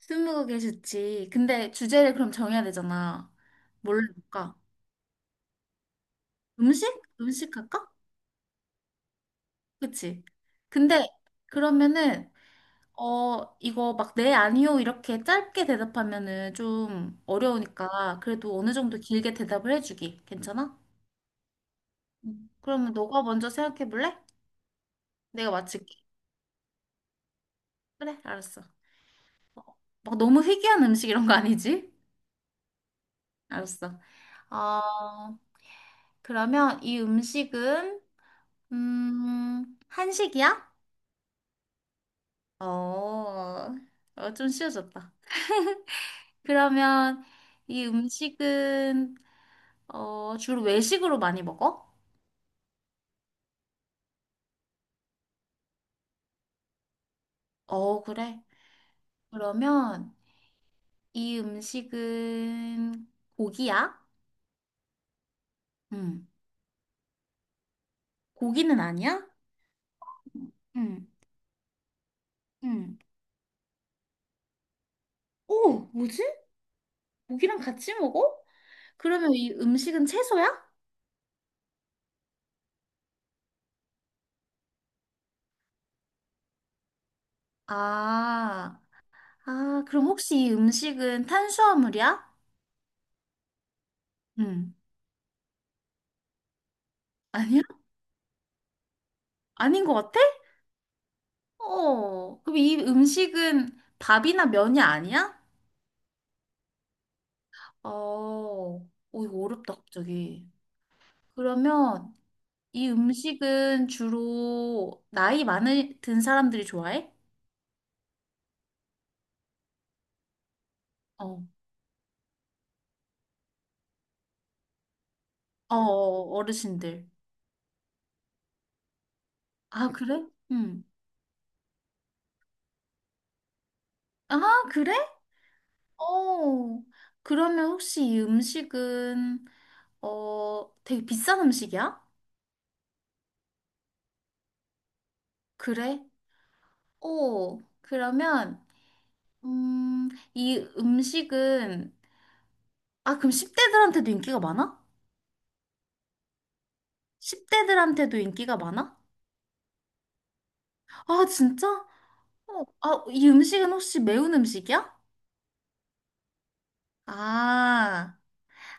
스무고개 좋지. 근데 주제를 그럼 정해야 되잖아. 뭘로 할까? 음식? 음식 할까? 그치? 근데 그러면은 이거 막 네, 아니요 이렇게 짧게 대답하면은 좀 어려우니까 그래도 어느 정도 길게 대답을 해주기. 괜찮아? 응. 그러면 너가 먼저 생각해 볼래? 내가 맞힐게. 그래, 알았어. 막 너무 희귀한 음식 이런 거 아니지? 알았어. 어, 그러면 이 음식은 한식이야? 어, 어, 좀 쉬워졌다. 그러면 이 음식은 어, 주로 외식으로 많이 먹어? 어, 그래. 그러면 이 음식은 고기야? 응. 고기는 아니야? 응. 응. 오, 뭐지? 고기랑 같이 먹어? 그러면 이 음식은 채소야? 아, 아, 그럼 혹시 이 음식은 탄수화물이야? 응. 아니야? 아닌 것 같아? 어, 그럼 이 음식은 밥이나 면이 아니야? 어, 오, 이거 어렵다, 갑자기. 그러면 이 음식은 주로 나이 많은 든 사람들이 좋아해? 어, 어, 어, 어르신들. 아, 그래? 응. 아, 그래? 어, 그러면 혹시 이 음식은, 어, 되게 비싼 음식이야? 그래? 어, 그러면, 음, 이 음식은 아, 그럼 10대들한테도 인기가 많아? 10대들한테도 인기가 많아? 아, 진짜? 어, 아, 이 음식은 혹시 매운 음식이야? 아,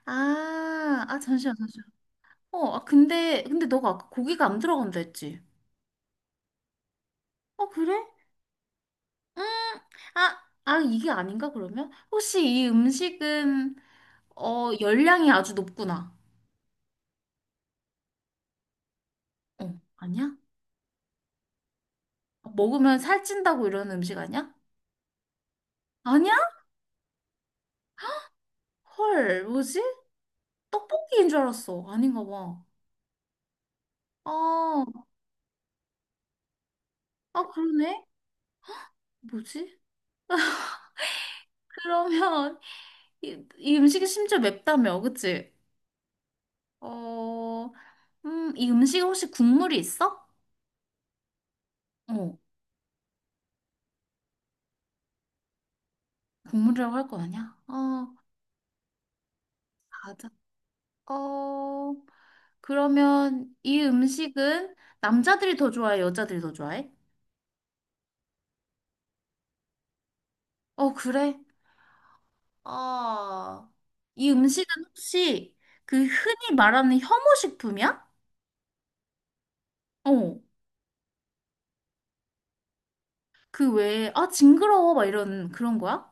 아, 아, 잠시만, 잠시만. 어, 아, 근데 너가 아까 고기가 안 들어간다 했지? 어, 그래? 음, 아, 아, 이게 아닌가, 그러면? 혹시 이 음식은, 어, 열량이 아주 높구나. 어, 아니야? 먹으면 살찐다고 이러는 음식 아니야? 아니야? 헐, 뭐지? 떡볶이인 줄 알았어. 아닌가 봐. 아, 아, 그러네? 뭐지? 그러면 이, 이 음식이 심지어 맵다며, 그치? 어, 이 음식에 혹시 국물이 있어? 어, 국물이라고 할 거 아니야? 어, 맞아. 어, 그러면 이 음식은 남자들이 더 좋아해, 여자들이 더 좋아해? 어, 그래? 아, 이 음식은 혹시 그 흔히 말하는 혐오식품이야? 어, 그 외에, 아, 징그러워, 막 이런 그런 거야?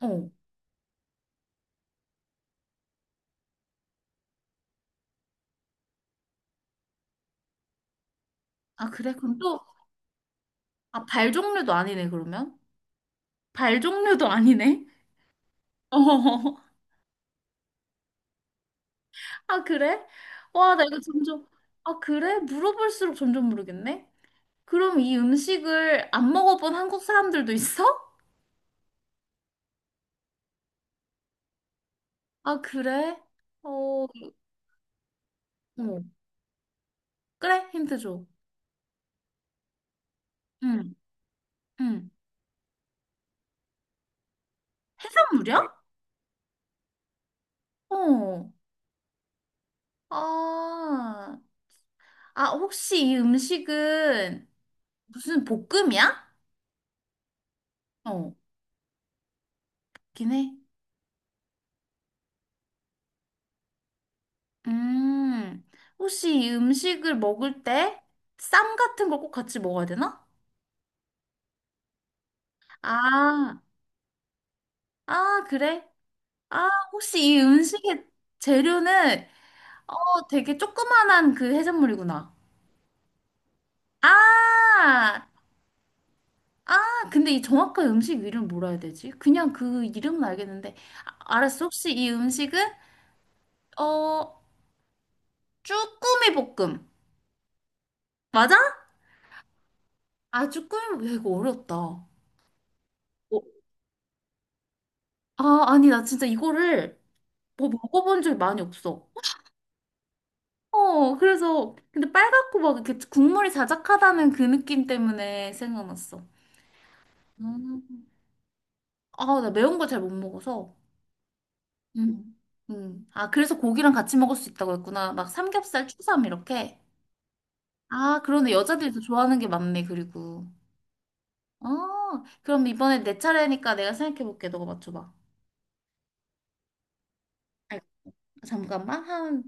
어. 아, 그래? 그럼 또 아, 발 종류도 아니네, 그러면? 발 종류도 아니네? 어, 아, 그래? 와, 나 이거 점점, 아, 그래? 물어볼수록 점점 모르겠네? 그럼 이 음식을 안 먹어본 한국 사람들도 있어? 아, 그래? 어, 어, 그래? 힌트 줘. 응, 응. 해산물이야? 어, 아, 아, 혹시 이 음식은 무슨 볶음이야? 어, 긴 해. 음, 혹시 이 음식을 먹을 때 쌈 같은 거 꼭 같이 먹어야 되나? 아, 아, 그래? 아, 혹시 이 음식의 재료는 어, 되게 조그만한 그 해산물이구나. 아, 아, 근데 이 정확한 음식 이름 뭐라 해야 되지? 그냥 그 이름은 알겠는데. 아, 알았어. 혹시 이 음식은 어, 쭈꾸미 볶음. 맞아? 아, 쭈꾸미 볶음. 야, 이거 어렵다. 어, 아, 아니, 나 진짜 이거를 뭐 먹어본 적 많이 없어. 어, 그래서 근데 빨갛고 막 이렇게 국물이 자작하다는 그 느낌 때문에 생각났어. 음. 아, 나 매운 거 잘 못 먹어서. 음. 음. 아, 그래서 고기랑 같이 먹을 수 있다고 했구나. 막 삼겹살, 추삼 이렇게. 아, 그러네. 여자들이 더 좋아하는 게 많네, 그리고. 어, 그럼 이번에 내 차례니까 내가 생각해볼게. 너가 맞춰봐. 아, 잠깐만. 한,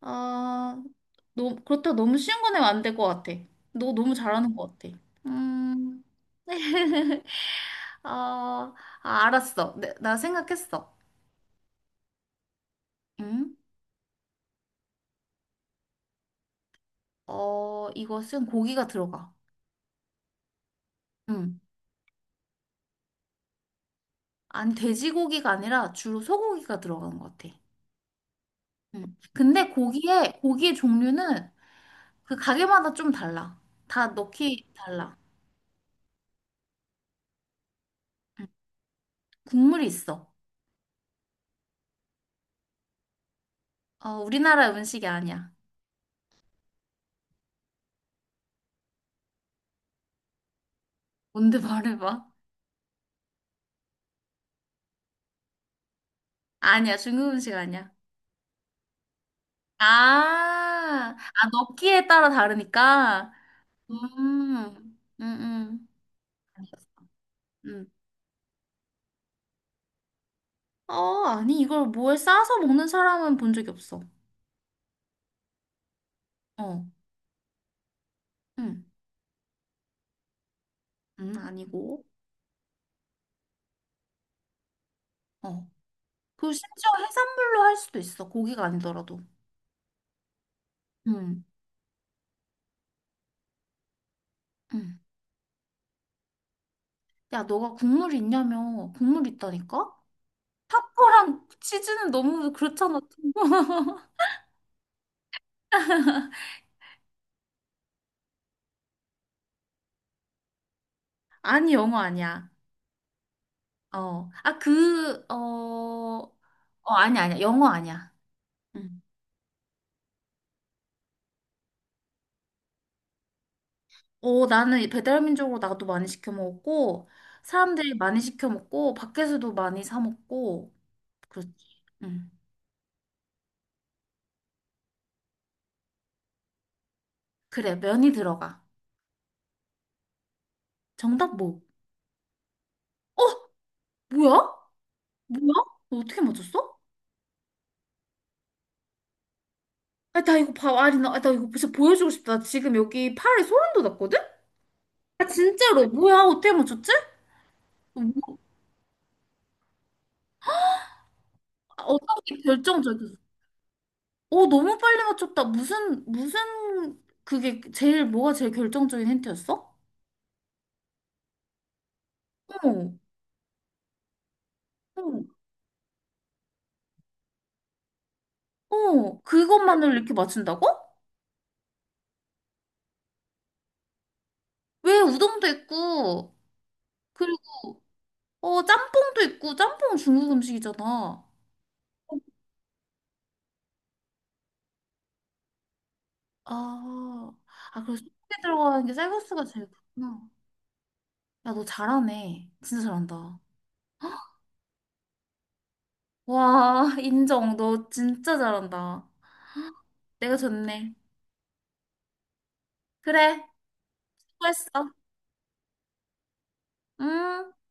아, 너, 그렇다. 고 너무 쉬운 건 내면 안 될 것 같아. 너 너무 잘하는 것 같아. 음. 어, 아, 알았어. 나 생각했어. 응? 어, 이것은 고기가 들어가. 응. 아니, 돼지고기가 아니라 주로 소고기가 들어가는 것 같아. 응. 근데 고기의 종류는 그 가게마다 좀 달라. 다 넣기 달라. 응. 국물이 있어. 어, 우리나라 음식이 아니야. 뭔데 말해봐. 아니야, 중국 음식 아니야. 아, 아, 넣기에 따라 다르니까. 음, 음, 음. 알겠어. 음. 어, 아니, 이걸 뭐에 싸서 먹는 사람은 본 적이 없어. 어, 응, 응, 아니고. 어. 그리고 심지어 해산물로 할 수도 있어. 고기가 아니더라도. 응, 응. 야, 너가 국물 있냐며. 국물 있다니까? 타코랑 치즈는 너무 그렇잖아. 아니, 영어 아니야. 어. 아, 그, 어, 어, 아니, 아니야. 영어 아니야. 응. 어, 나는 배달민족으로 나도 많이 시켜 먹었고, 사람들이 많이 시켜 먹고, 밖에서도 많이 사 먹고, 그렇지. 응. 그래, 면이 들어가. 정답 뭐? 어? 뭐야? 뭐야? 너 어떻게 맞췄어? 아, 나 이거 봐, 아리나. 아, 나 이거 진짜 보여주고 싶다. 나 지금 여기 팔에 소름 돋았거든? 아, 진짜로. 뭐야? 어떻게 맞췄지? 뭐- 어떻게 결정적이었어? 어, 너무 빨리 맞췄다. 무슨, 무슨, 그게 제일, 뭐가 제일 결정적인 힌트였어? 어, 어, 어. 그것만을 이렇게 맞춘다고? 왜 우동도 있고, 그리고, 어, 짬뽕도 있고, 짬뽕은 중국 음식이잖아. 아, 아, 그리고 속에 들어가는 게 쌀국수가 제일 좋구나. 야, 너 잘하네. 진짜 잘한다. 와, 인정. 너 진짜 잘한다. 내가 졌네. 그래, 수고했어. 응?